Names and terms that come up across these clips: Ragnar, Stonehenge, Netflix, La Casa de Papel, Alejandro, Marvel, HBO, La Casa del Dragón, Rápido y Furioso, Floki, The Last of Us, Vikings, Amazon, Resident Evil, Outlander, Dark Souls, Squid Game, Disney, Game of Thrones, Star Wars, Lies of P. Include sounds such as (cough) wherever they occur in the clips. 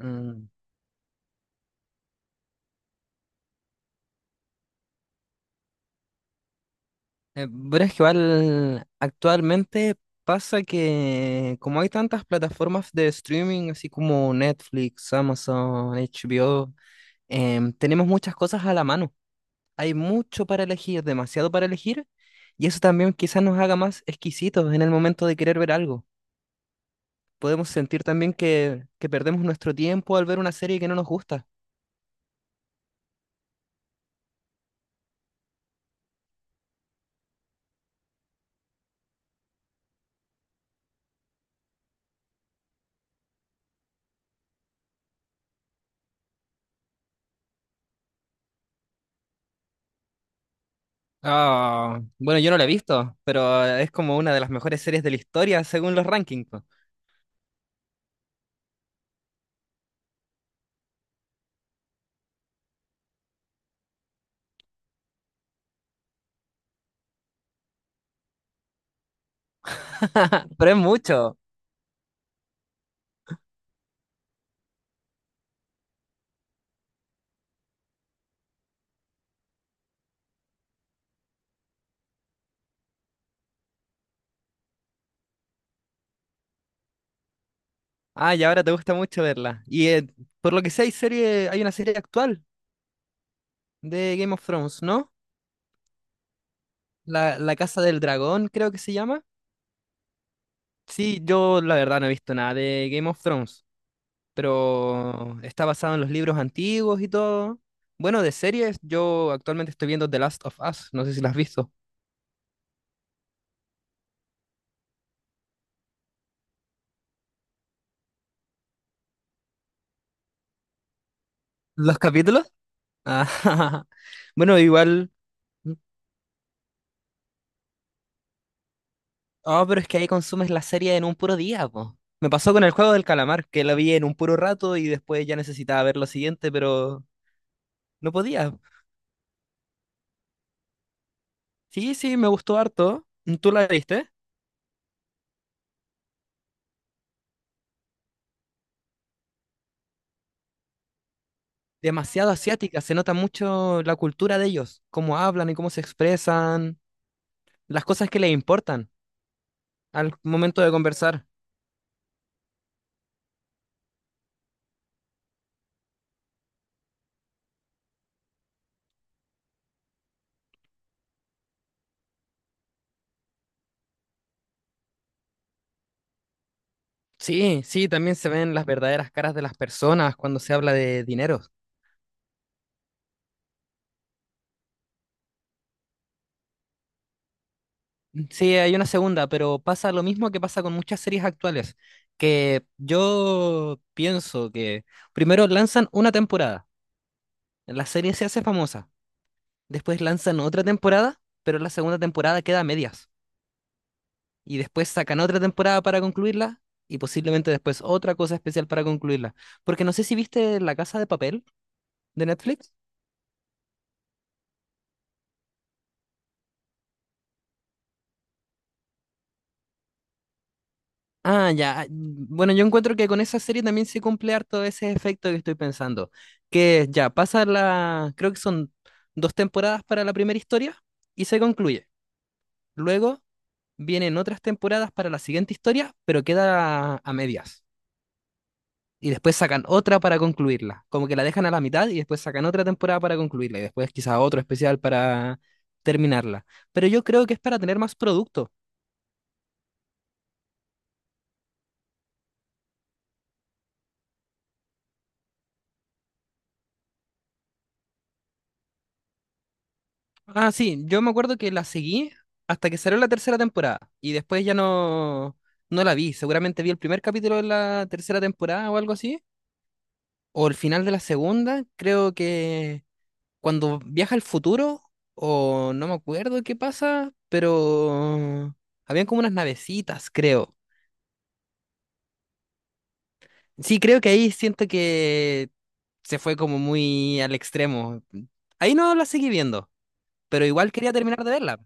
Mm. Pero es que igual actualmente pasa que como hay tantas plataformas de streaming, así como Netflix, Amazon, HBO, tenemos muchas cosas a la mano. Hay mucho para elegir, demasiado para elegir, y eso también quizás nos haga más exquisitos en el momento de querer ver algo. Podemos sentir también que perdemos nuestro tiempo al ver una serie que no nos gusta. Ah, bueno, yo no la he visto, pero es como una de las mejores series de la historia según los rankings. (laughs) Pero es mucho. Ah, y ahora te gusta mucho verla. Y por lo que sé, hay una serie actual de Game of Thrones, ¿no? La Casa del Dragón, creo que se llama. Sí, yo la verdad no he visto nada de Game of Thrones, pero está basado en los libros antiguos y todo. Bueno, de series, yo actualmente estoy viendo The Last of Us, no sé si la has visto. ¿Los capítulos? Ah, (laughs) bueno, igual. Oh, pero es que ahí consumes la serie en un puro día, po. Me pasó con el juego del calamar, que la vi en un puro rato y después ya necesitaba ver lo siguiente, pero no podía. Sí, sí, me gustó harto. ¿Tú la viste? Demasiado asiática, se nota mucho la cultura de ellos, cómo hablan y cómo se expresan, las cosas que les importan al momento de conversar. Sí, sí, también se ven las verdaderas caras de las personas cuando se habla de dinero. Sí, hay una segunda, pero pasa lo mismo que pasa con muchas series actuales, que yo pienso que primero lanzan una temporada, la serie se hace famosa, después lanzan otra temporada, pero la segunda temporada queda a medias, y después sacan otra temporada para concluirla, y posiblemente después otra cosa especial para concluirla. Porque no sé si viste La Casa de Papel de Netflix. Ah, ya. Bueno, yo encuentro que con esa serie también se cumple harto ese efecto que estoy pensando. Que ya pasa la, creo que son dos temporadas para la primera historia y se concluye. Luego vienen otras temporadas para la siguiente historia, pero queda a medias. Y después sacan otra para concluirla. Como que la dejan a la mitad y después sacan otra temporada para concluirla. Y después quizás otro especial para terminarla. Pero yo creo que es para tener más producto. Ah, sí, yo me acuerdo que la seguí hasta que salió la tercera temporada y después ya no, no la vi. Seguramente vi el primer capítulo de la tercera temporada o algo así, o el final de la segunda. Creo que cuando viaja al futuro, o no me acuerdo qué pasa, pero habían como unas navecitas, creo. Sí, creo que ahí siento que se fue como muy al extremo. Ahí no la seguí viendo, pero igual quería terminar de verla.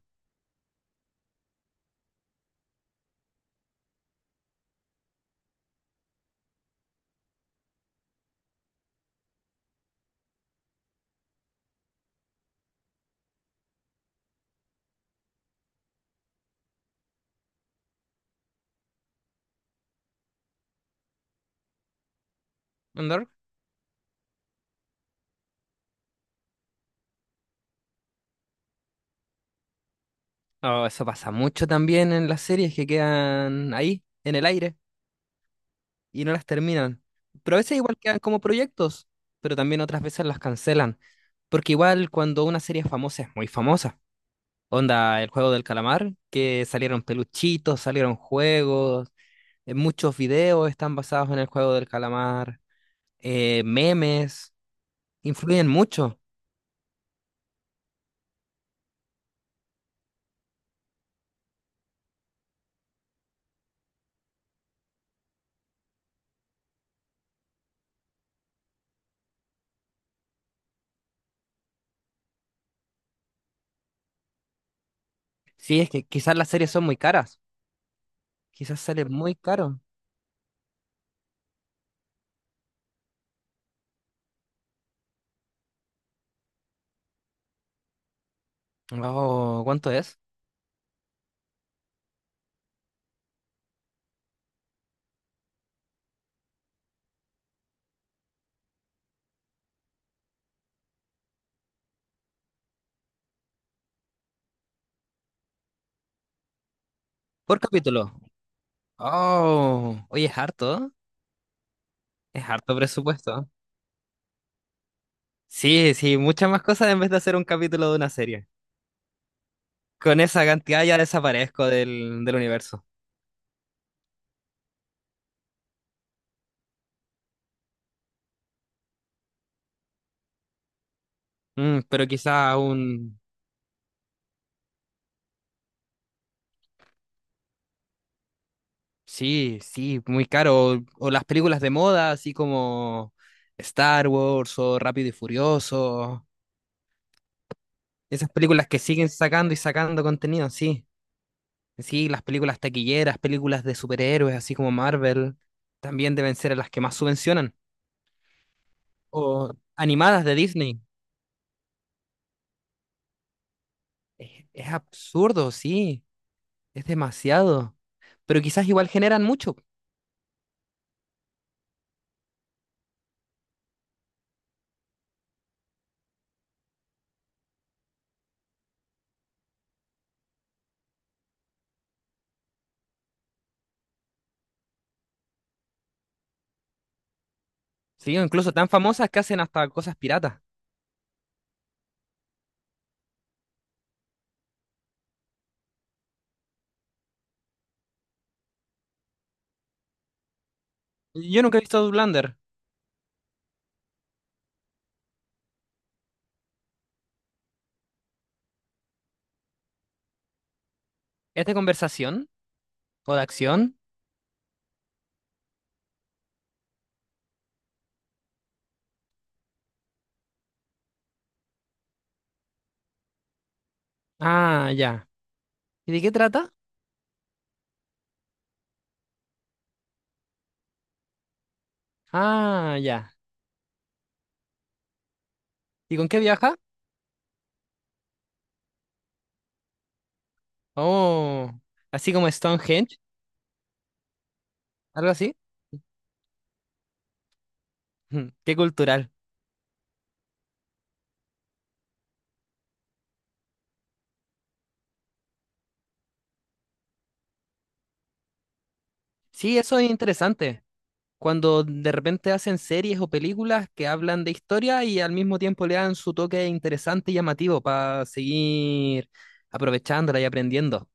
¿No? Oh, eso pasa mucho también en las series que quedan ahí, en el aire, y no las terminan. Pero a veces igual quedan como proyectos, pero también otras veces las cancelan. Porque igual cuando una serie es famosa, es muy famosa. Onda, el juego del calamar, que salieron peluchitos, salieron juegos, muchos videos están basados en el juego del calamar, memes, influyen mucho. Sí, es que quizás las series son muy caras, quizás sale muy caro. Oh, ¿cuánto es? Por capítulo. Oh, oye, es harto presupuesto. Sí, sí, muchas más cosas en vez de hacer un capítulo de una serie. Con esa cantidad ya desaparezco del universo. Mm, pero quizá un... Sí, sí, muy caro. O las películas de moda, así como Star Wars o Rápido y Furioso. Esas películas que siguen sacando y sacando contenido, sí. Sí, las películas taquilleras, películas de superhéroes, así como Marvel, también deben ser las que más subvencionan. O animadas de Disney. Es absurdo, sí, es demasiado. Pero quizás igual generan mucho, sí, o incluso tan famosas que hacen hasta cosas piratas. Yo nunca he visto Outlander. ¿Es de conversación o de acción? Ah, ya. ¿Y de qué trata? Ah, ya. ¿Y con qué viaja? Oh, así como Stonehenge, algo así. (laughs) Qué cultural. Sí, eso es interesante. Cuando de repente hacen series o películas que hablan de historia y al mismo tiempo le dan su toque interesante y llamativo para seguir aprovechándola y aprendiendo.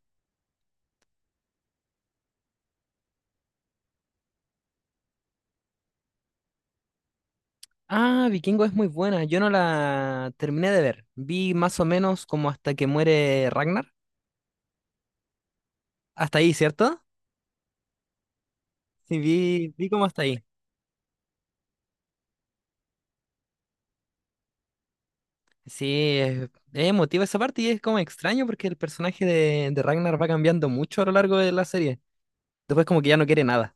Ah, Vikingo es muy buena. Yo no la terminé de ver. Vi más o menos como hasta que muere Ragnar. Hasta ahí, ¿cierto? Sí, vi como hasta ahí. Sí, es emotiva esa parte y es como extraño porque el personaje de Ragnar va cambiando mucho a lo largo de la serie. Después como que ya no quiere nada.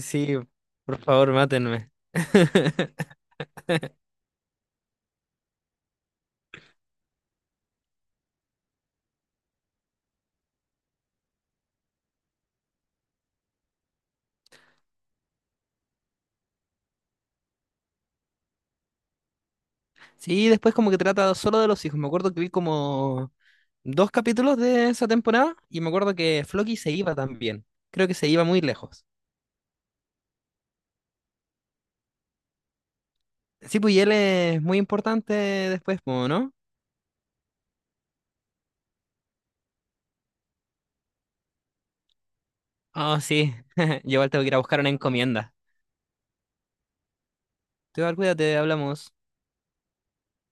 Sí, por favor, mátenme. (laughs) Sí, después como que trata solo de los hijos. Me acuerdo que vi como dos capítulos de esa temporada y me acuerdo que Floki se iba también. Creo que se iba muy lejos. Sí, pues y él es muy importante después, po, ¿no? Oh, sí. (laughs) Yo igual tengo que ir a buscar una encomienda. Te cuídate, hablamos.